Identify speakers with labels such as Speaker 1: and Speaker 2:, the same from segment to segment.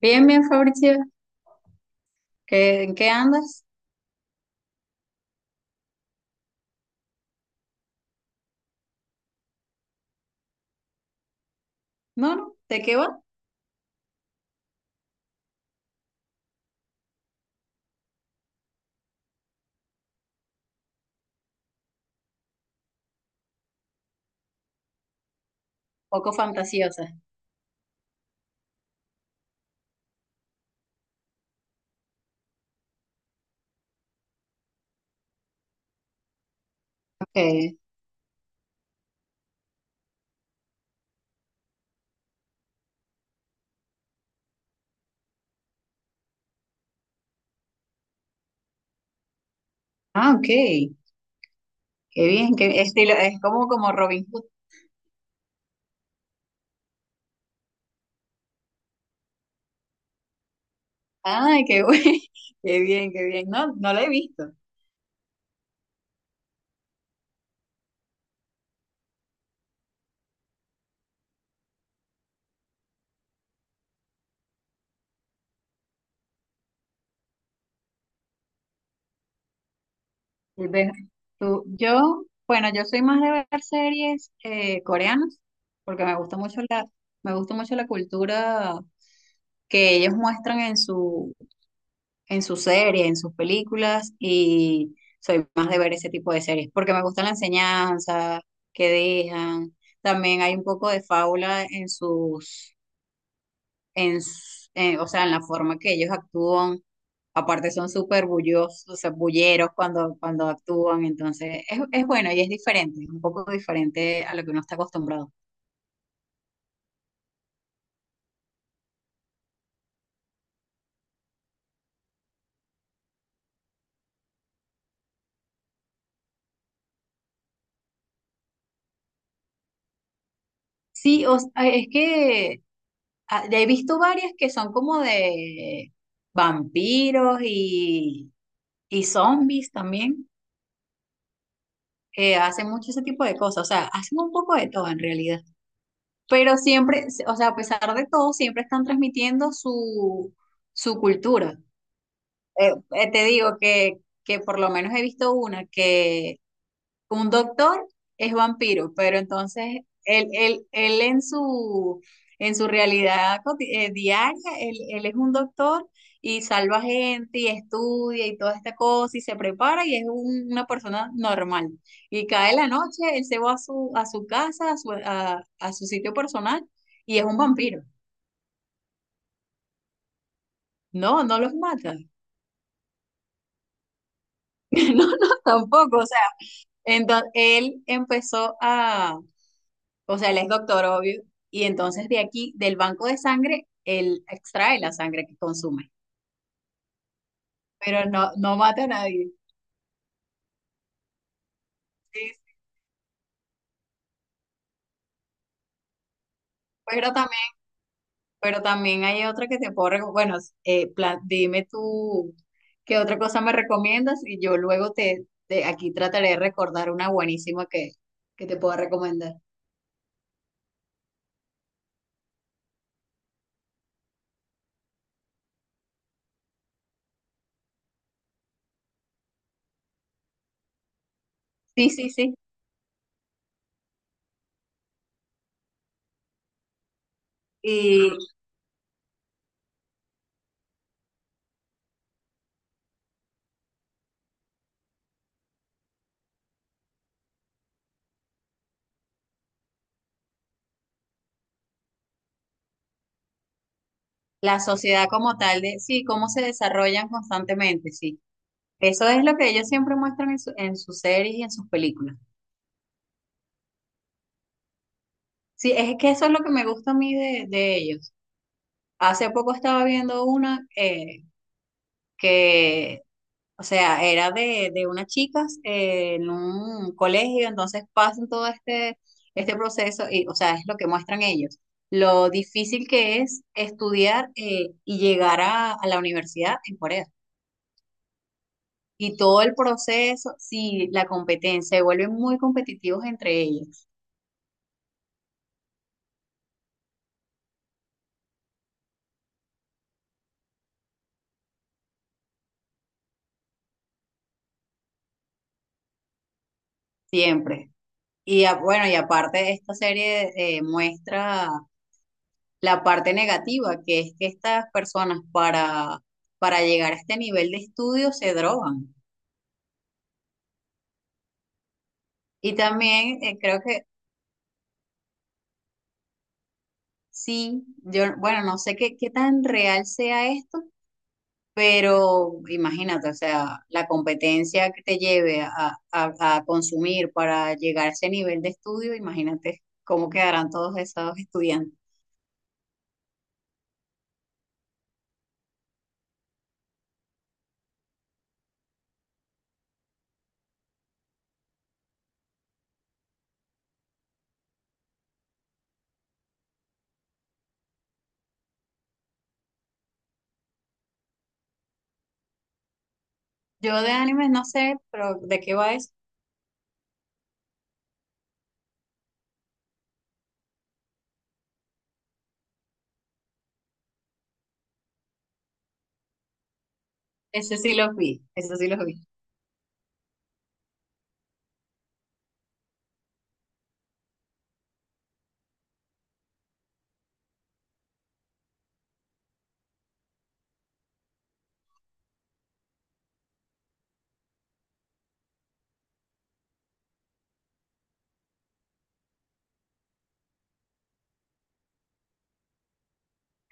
Speaker 1: Bien, bien, Fabricio. ¿En qué andas? No, no, ¿de qué va? Poco fantasiosa. Okay. Ah, ok. Qué bien, qué estilo, es como Robin Hood. Ay, qué bueno. Qué bien, qué bien. No, no la he visto. ve- bueno, yo soy más de ver series coreanas, porque me gusta mucho la cultura que ellos muestran en su en sus series, en sus películas, y soy más de ver ese tipo de series, porque me gusta la enseñanza que dejan. También hay un poco de fábula en o sea, en la forma que ellos actúan. Aparte son súper bullosos, o sea, bulleros cuando actúan, entonces es bueno y es diferente, es un poco diferente a lo que uno está acostumbrado. Sí, es que he visto varias que son como de vampiros y zombies también. Hacen mucho ese tipo de cosas, o sea, hacen un poco de todo en realidad, pero siempre, o sea, a pesar de todo, siempre están transmitiendo su cultura. Te digo que por lo menos he visto una que un doctor es vampiro, pero entonces él en su realidad diaria, él es un doctor y salva gente y estudia y toda esta cosa y se prepara y es una persona normal. Y cae la noche, él se va a su casa, a su sitio personal y es un vampiro. No, no los mata. No, no, tampoco. O sea, entonces él empezó a, o sea, él es doctor, obvio. Y entonces de aquí, del banco de sangre, él extrae la sangre que consume. Pero no, no mata a nadie. Sí, sí. Pero también, pero también hay otra que te puedo recomendar. Bueno, dime tú qué otra cosa me recomiendas y yo luego aquí trataré de recordar una buenísima que te pueda recomendar. Sí, sí, sí. Y la sociedad como tal, de, sí, cómo se desarrollan constantemente, sí. Eso es lo que ellos siempre muestran en en sus series y en sus películas. Sí, es que eso es lo que me gusta a mí de ellos. Hace poco estaba viendo una que, o sea, era de unas chicas en un colegio, entonces pasan todo este proceso y, o sea, es lo que muestran ellos. Lo difícil que es estudiar y llegar a la universidad en Corea. Y todo el proceso, sí, la competencia, se vuelven muy competitivos entre ellos, siempre. Bueno, y aparte esta serie muestra la parte negativa, que es que estas personas para llegar a este nivel de estudio se drogan. Y también creo que sí, yo, bueno, no sé qué tan real sea esto, pero imagínate, o sea, la competencia que te lleve a consumir para llegar a ese nivel de estudio, imagínate cómo quedarán todos esos estudiantes. Yo de animes no sé, pero ¿de qué va eso? Ese sí lo vi, eso sí lo vi.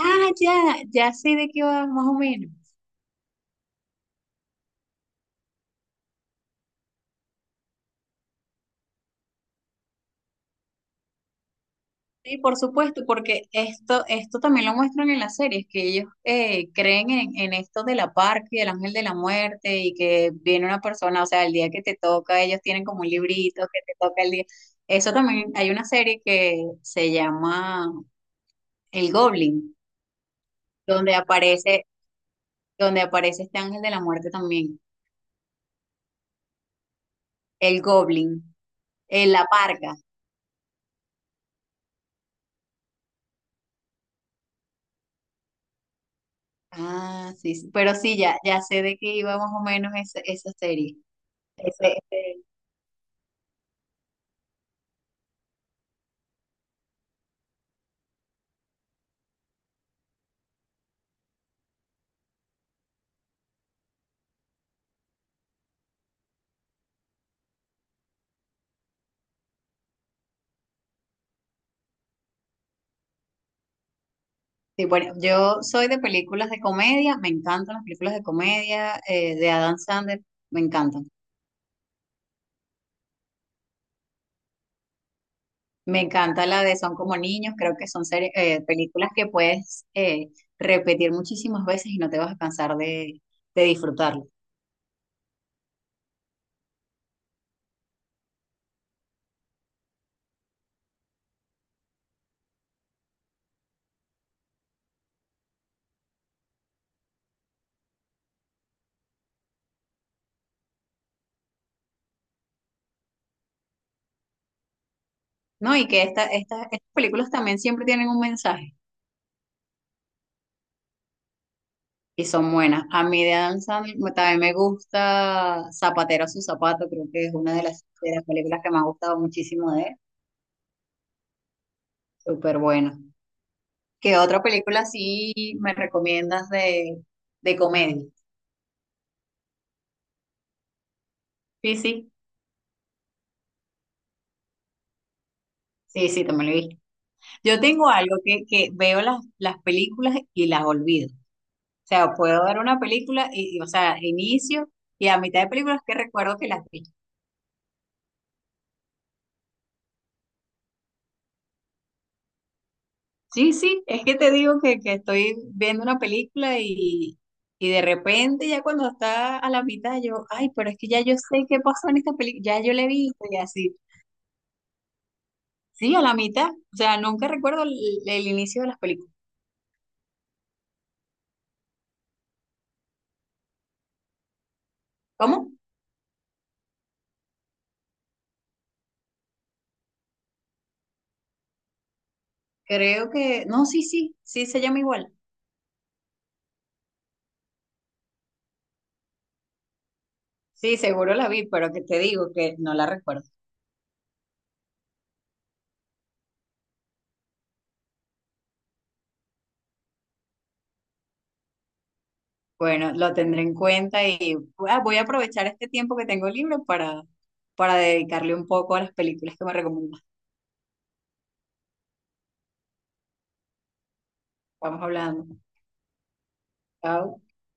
Speaker 1: Ah, ya, ya sé de qué va más o menos. Sí, por supuesto, porque esto también lo muestran en las series, que ellos creen en esto de la parca y del ángel de la muerte y que viene una persona, o sea, el día que te toca, ellos tienen como un librito que te toca el día. Eso también, hay una serie que se llama El Goblin, donde aparece, donde aparece este ángel de la muerte también, el Goblin, la parca. Ah, sí, sí, pero sí, ya, ya sé de qué iba más o menos esa serie. Ese, ese- Sí, bueno, yo soy de películas de comedia, me encantan las películas de comedia de Adam Sandler, me encantan. Me encanta la de Son como niños, creo que son películas que puedes repetir muchísimas veces y no te vas a cansar de disfrutarlo, ¿no? Y que estas películas también siempre tienen un mensaje y son buenas. A mí de Adam Sandler también me gusta Zapatero a su zapato, creo que es una de las películas que me ha gustado muchísimo de él, súper buena. ¿Qué otra película sí me recomiendas de comedia? Sí, sí, sí, sí, también lo he visto. Yo tengo algo que veo las películas y las olvido. O sea, puedo ver una película y, o sea, inicio y a mitad de películas que recuerdo que las vi. Sí, sí, es que te digo que estoy viendo una película y de repente ya cuando está a la mitad yo, ay, pero es que ya yo sé qué pasó en esta película, ya yo la he visto y así. Sí, a la mitad. O sea, nunca recuerdo el inicio de las películas. ¿Cómo? Creo que, no, sí, sí, sí se llama igual. Sí, seguro la vi, pero que te digo que no la recuerdo. Bueno, lo tendré en cuenta y voy a aprovechar este tiempo que tengo libre para dedicarle un poco a las películas que me recomiendas. Vamos hablando. Chao.